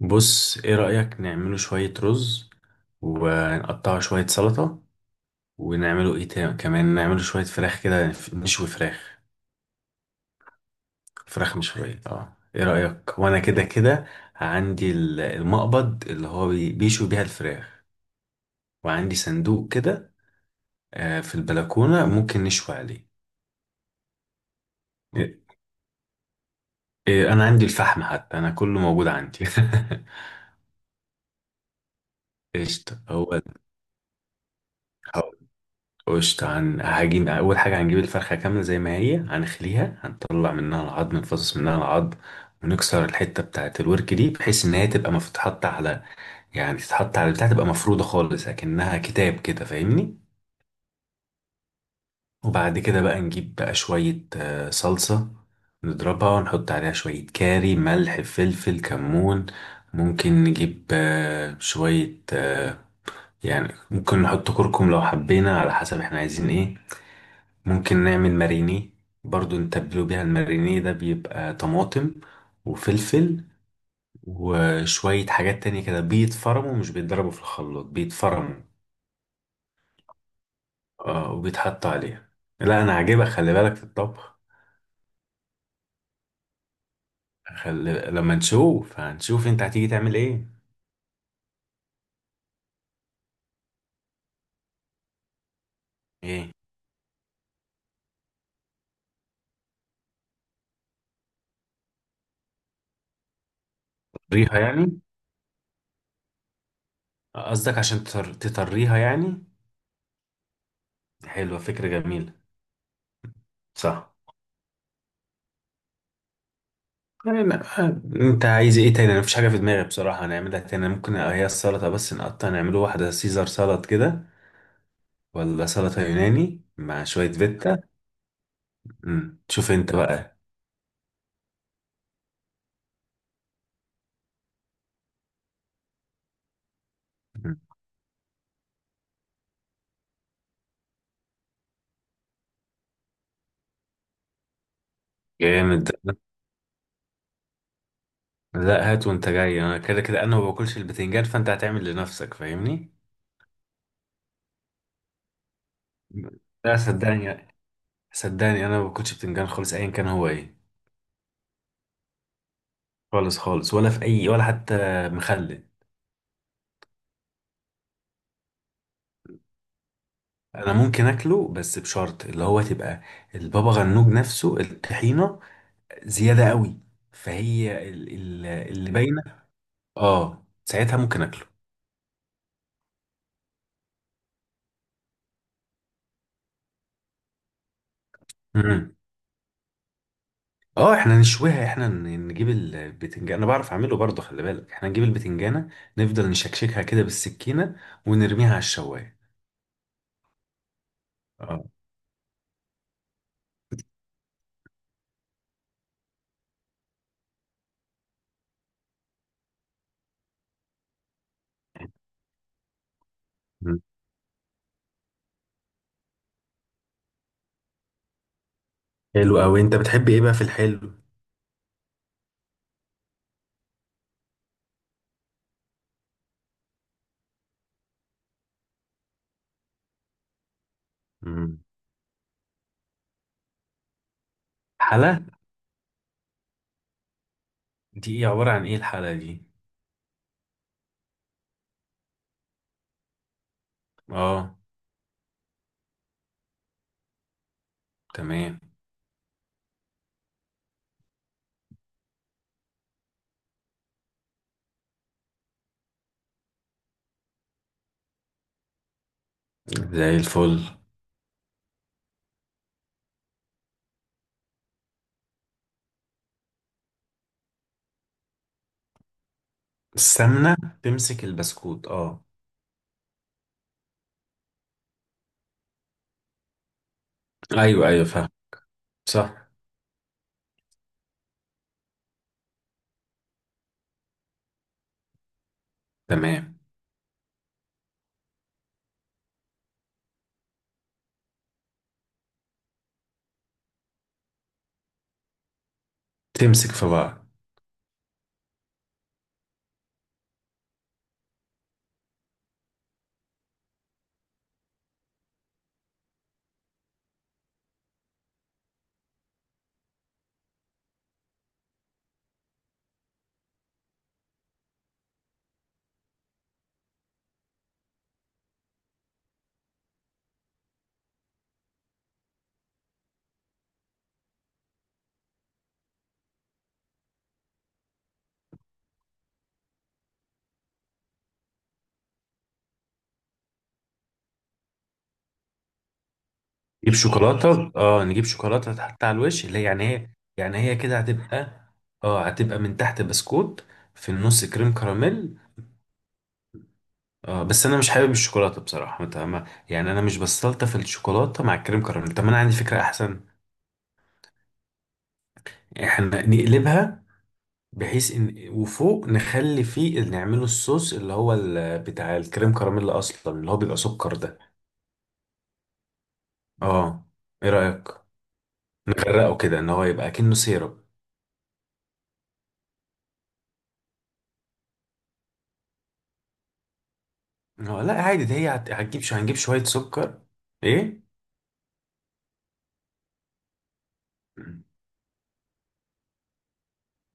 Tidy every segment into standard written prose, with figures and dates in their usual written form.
بص ايه رأيك نعمله شوية رز ونقطعه شوية سلطة ونعمله ايه تاني كمان نعمله شوية فراخ كده نشوي فراخ. فراخ مشوية اه ايه رأيك وانا كده كده عندي المقبض اللي هو بيشوي بيها الفراخ وعندي صندوق كده. في البلكونة ممكن نشوي عليه. إيه، إيه، انا عندي الفحم حتى انا كله موجود عندي قشطة هو. هجين. أول حاجة هنجيب الفرخة كاملة زي ما هي هنخليها هنطلع منها العظم نفصص منها العظم ونكسر الحتة بتاعة الورك دي بحيث إن هي تبقى تتحط على، يعني تتحط على بتاع تبقى مفرودة خالص أكنها كتاب كده فاهمني. وبعد كده بقى نجيب بقى شوية صلصة نضربها ونحط عليها شوية كاري ملح فلفل كمون. ممكن نجيب آه، شوية آه، يعني ممكن نحط كركم لو حبينا على حسب احنا عايزين ايه. ممكن نعمل ماريني، برضو نتبلو بيها. الماريني ده بيبقى طماطم وفلفل وشوية حاجات تانية كده بيتفرموا مش بيتضربوا في الخلاط بيتفرموا. اه وبيتحط عليها. لا انا عاجبك خلي بالك في الطبخ. لما نشوف هنشوف انت هتيجي تعمل ايه. ايه تطريها يعني؟ قصدك عشان تطريها يعني؟ حلوة، فكرة جميلة. صح. أنا، انت عايز ايه تاني؟ انا مفيش حاجه في دماغي بصراحه. هنعملها تاني ممكن هي السلطه بس، نقطع نعمله واحده سيزر سلطه كده ولا سلطه يوناني مع شويه فيتا. مم. شوف انت بقى. مم. جامد ده. لا هات وانت جاي، انا كده كده انا ما باكلش البتنجان فانت هتعمل لنفسك فاهمني. لا صدقني، صدقني انا ما باكلش بتنجان خالص ايا كان هو ايه. خالص خالص. ولا في اي ولا حتى مخلل. انا ممكن اكله بس بشرط اللي هو تبقى البابا غنوج نفسه الطحينه زياده قوي، فهي اللي باينه. اه ساعتها ممكن اكله. امم. اه احنا نشويها. احنا نجيب البتنجان. انا بعرف اعمله برضه خلي بالك، احنا نجيب البتنجانه نفضل نشكشكها كده بالسكينه ونرميها على الشوايه. اه. مم. حلو قوي. انت بتحب ايه بقى في الحلو؟ مم. حلا؟ دي ايه؟ عباره عن ايه الحلا دي؟ اه. تمام زي الفل. السمنه تمسك البسكوت اه. ايوه ايوه فاهم. صح. تمام. تمسك في بعض. نجيب شوكولاته اه، نجيب شوكولاته تحط على الوش اللي هي يعني هي، يعني هي كده هتبقى. اه هتبقى من تحت بسكوت، في النص كريم كراميل. اه بس انا مش حابب الشوكولاته بصراحه يعني انا مش بستلطف الشوكولاته مع الكريم كراميل. طب ما انا عندي فكره احسن. احنا نقلبها، بحيث ان وفوق نخلي فيه نعمله الصوص اللي هو بتاع الكريم كراميل اصلا اللي هو بيبقى سكر ده. اه. ايه رايك؟ نغرقه كده ان هو يبقى كأنه سيرب. هو لا عادي، ده هي هتجيب شو هنجيب شوية سكر. ايه.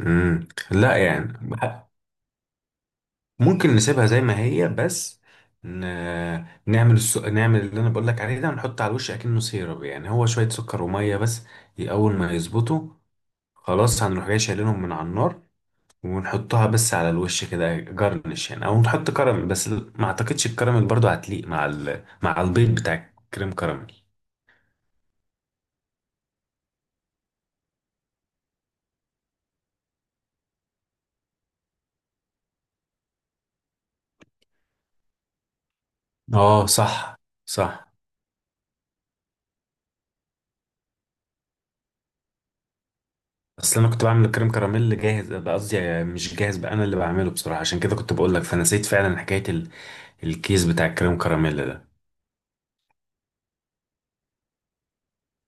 مم. لا يعني بح- ممكن نسيبها زي ما هي بس، ن... نعمل نعمل اللي انا بقول لك عليه ده ونحط على الوش اكنه سيرب، يعني هو شوية سكر ومية بس. اول ما يظبطوا خلاص هنروح جاي شايلينهم من على النار ونحطها بس على الوش كده جرنش، يعني او نحط كراميل بس ما اعتقدش الكراميل برضو هتليق مع مع البيض بتاع الكريم كراميل. اه صح صح. اصل انا كنت بعمل الكريم كراميل جاهز بقى، قصدي مش جاهز بقى انا اللي بعمله بصراحه عشان كده كنت بقول لك، فنسيت فعلا حكايه الكيس بتاع الكريم كراميل ده.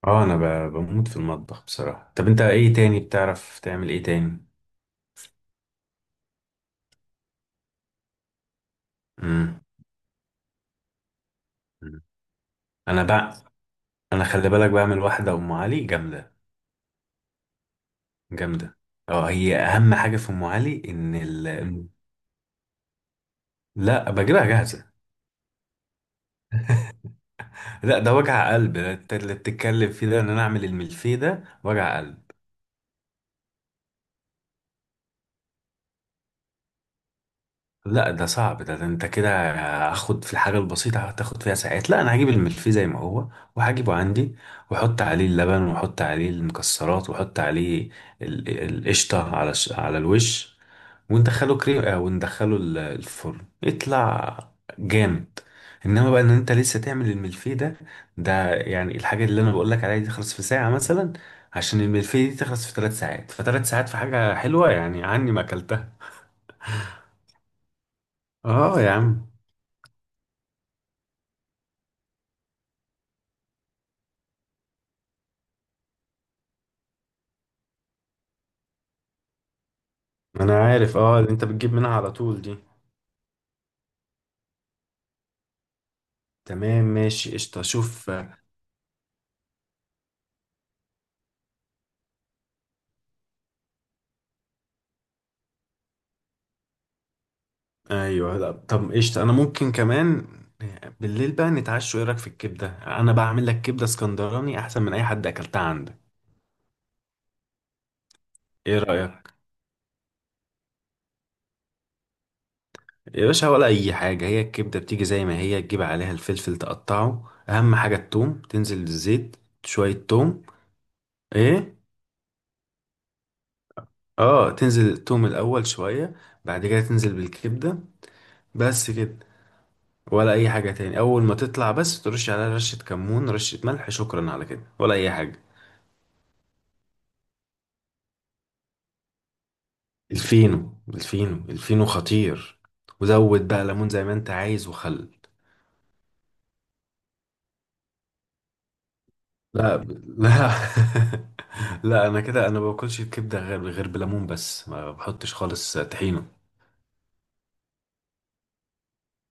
اه انا بموت في المطبخ بصراحه. طب انت ايه تاني بتعرف تعمل ايه تاني؟ امم. انا بقى، انا خلي بالك بعمل واحده ام علي جامده، جامده. اه هي اهم حاجه في ام علي ان لا بجيبها جاهزه. لا ده وجع قلب ده اللي بتتكلم فيه ده، ان انا اعمل الملفيه ده وجع قلب. لا ده صعب ده, ده انت كده هاخد في الحاجة البسيطة هتاخد فيها ساعات. لا انا هجيب الملفيه زي ما هو وهجيبه عندي واحط عليه اللبن واحط عليه المكسرات واحط عليه القشطة على على الوش وندخله كريم وندخله الفرن يطلع جامد. انما بقى ان انت لسه تعمل الملفيه ده، ده يعني الحاجة اللي انا بقول لك عليها دي تخلص في ساعة مثلا، عشان الملفيه دي تخلص في 3 ساعات. فثلاث ساعات في حاجة حلوة يعني عني ما اكلتها. اه يا عم. انا عارف اه اللي انت بتجيب منها على طول دي. تمام ماشي قشطة شوف. ايوه لا طب قشطة انا ممكن كمان بالليل بقى نتعشوا. ايه رايك في الكبدة؟ انا بعمل لك كبدة اسكندراني احسن من اي حد اكلتها عندك. ايه رايك؟ يا باشا ولا اي حاجة، هي الكبدة بتيجي زي ما هي، تجيب عليها الفلفل تقطعه، اهم حاجة التوم، تنزل الزيت شوية توم. ايه. اه تنزل التوم الاول شوية، بعد كده تنزل بالكبدة. بس كده ولا اي حاجه تاني. اول ما تطلع بس ترش عليها رشه كمون رشه ملح شكرا على كده ولا اي حاجه. الفينو، الفينو، الفينو خطير. وزود بقى ليمون زي ما انت عايز وخل. لا. لا انا كده انا ما باكلش الكبده غير، غير بليمون بس ما بحطش خالص طحينه.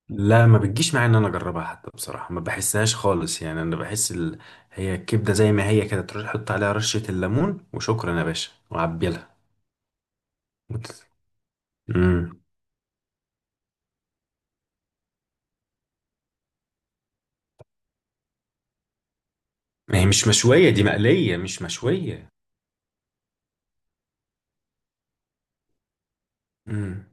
لا ما بتجيش معايا ان انا اجربها حتى بصراحه، ما بحسهاش خالص يعني انا بحس هي الكبده زي ما هي كده تروح تحط عليها رشه الليمون وشكرا يا باشا وعبيلها. امم. ما هي مش مشوية، دي مقلية مش مشوية. امم.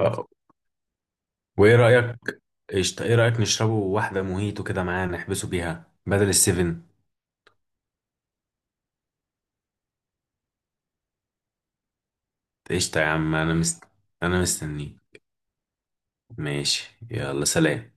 آه، وايه رأيك؟ قشطة ايه رأيك نشربه واحدة موهيتو كده معاه نحبسه بيها بدل السيفن. قشطة يا عم انا مستنيك. ماشي يلا سلام.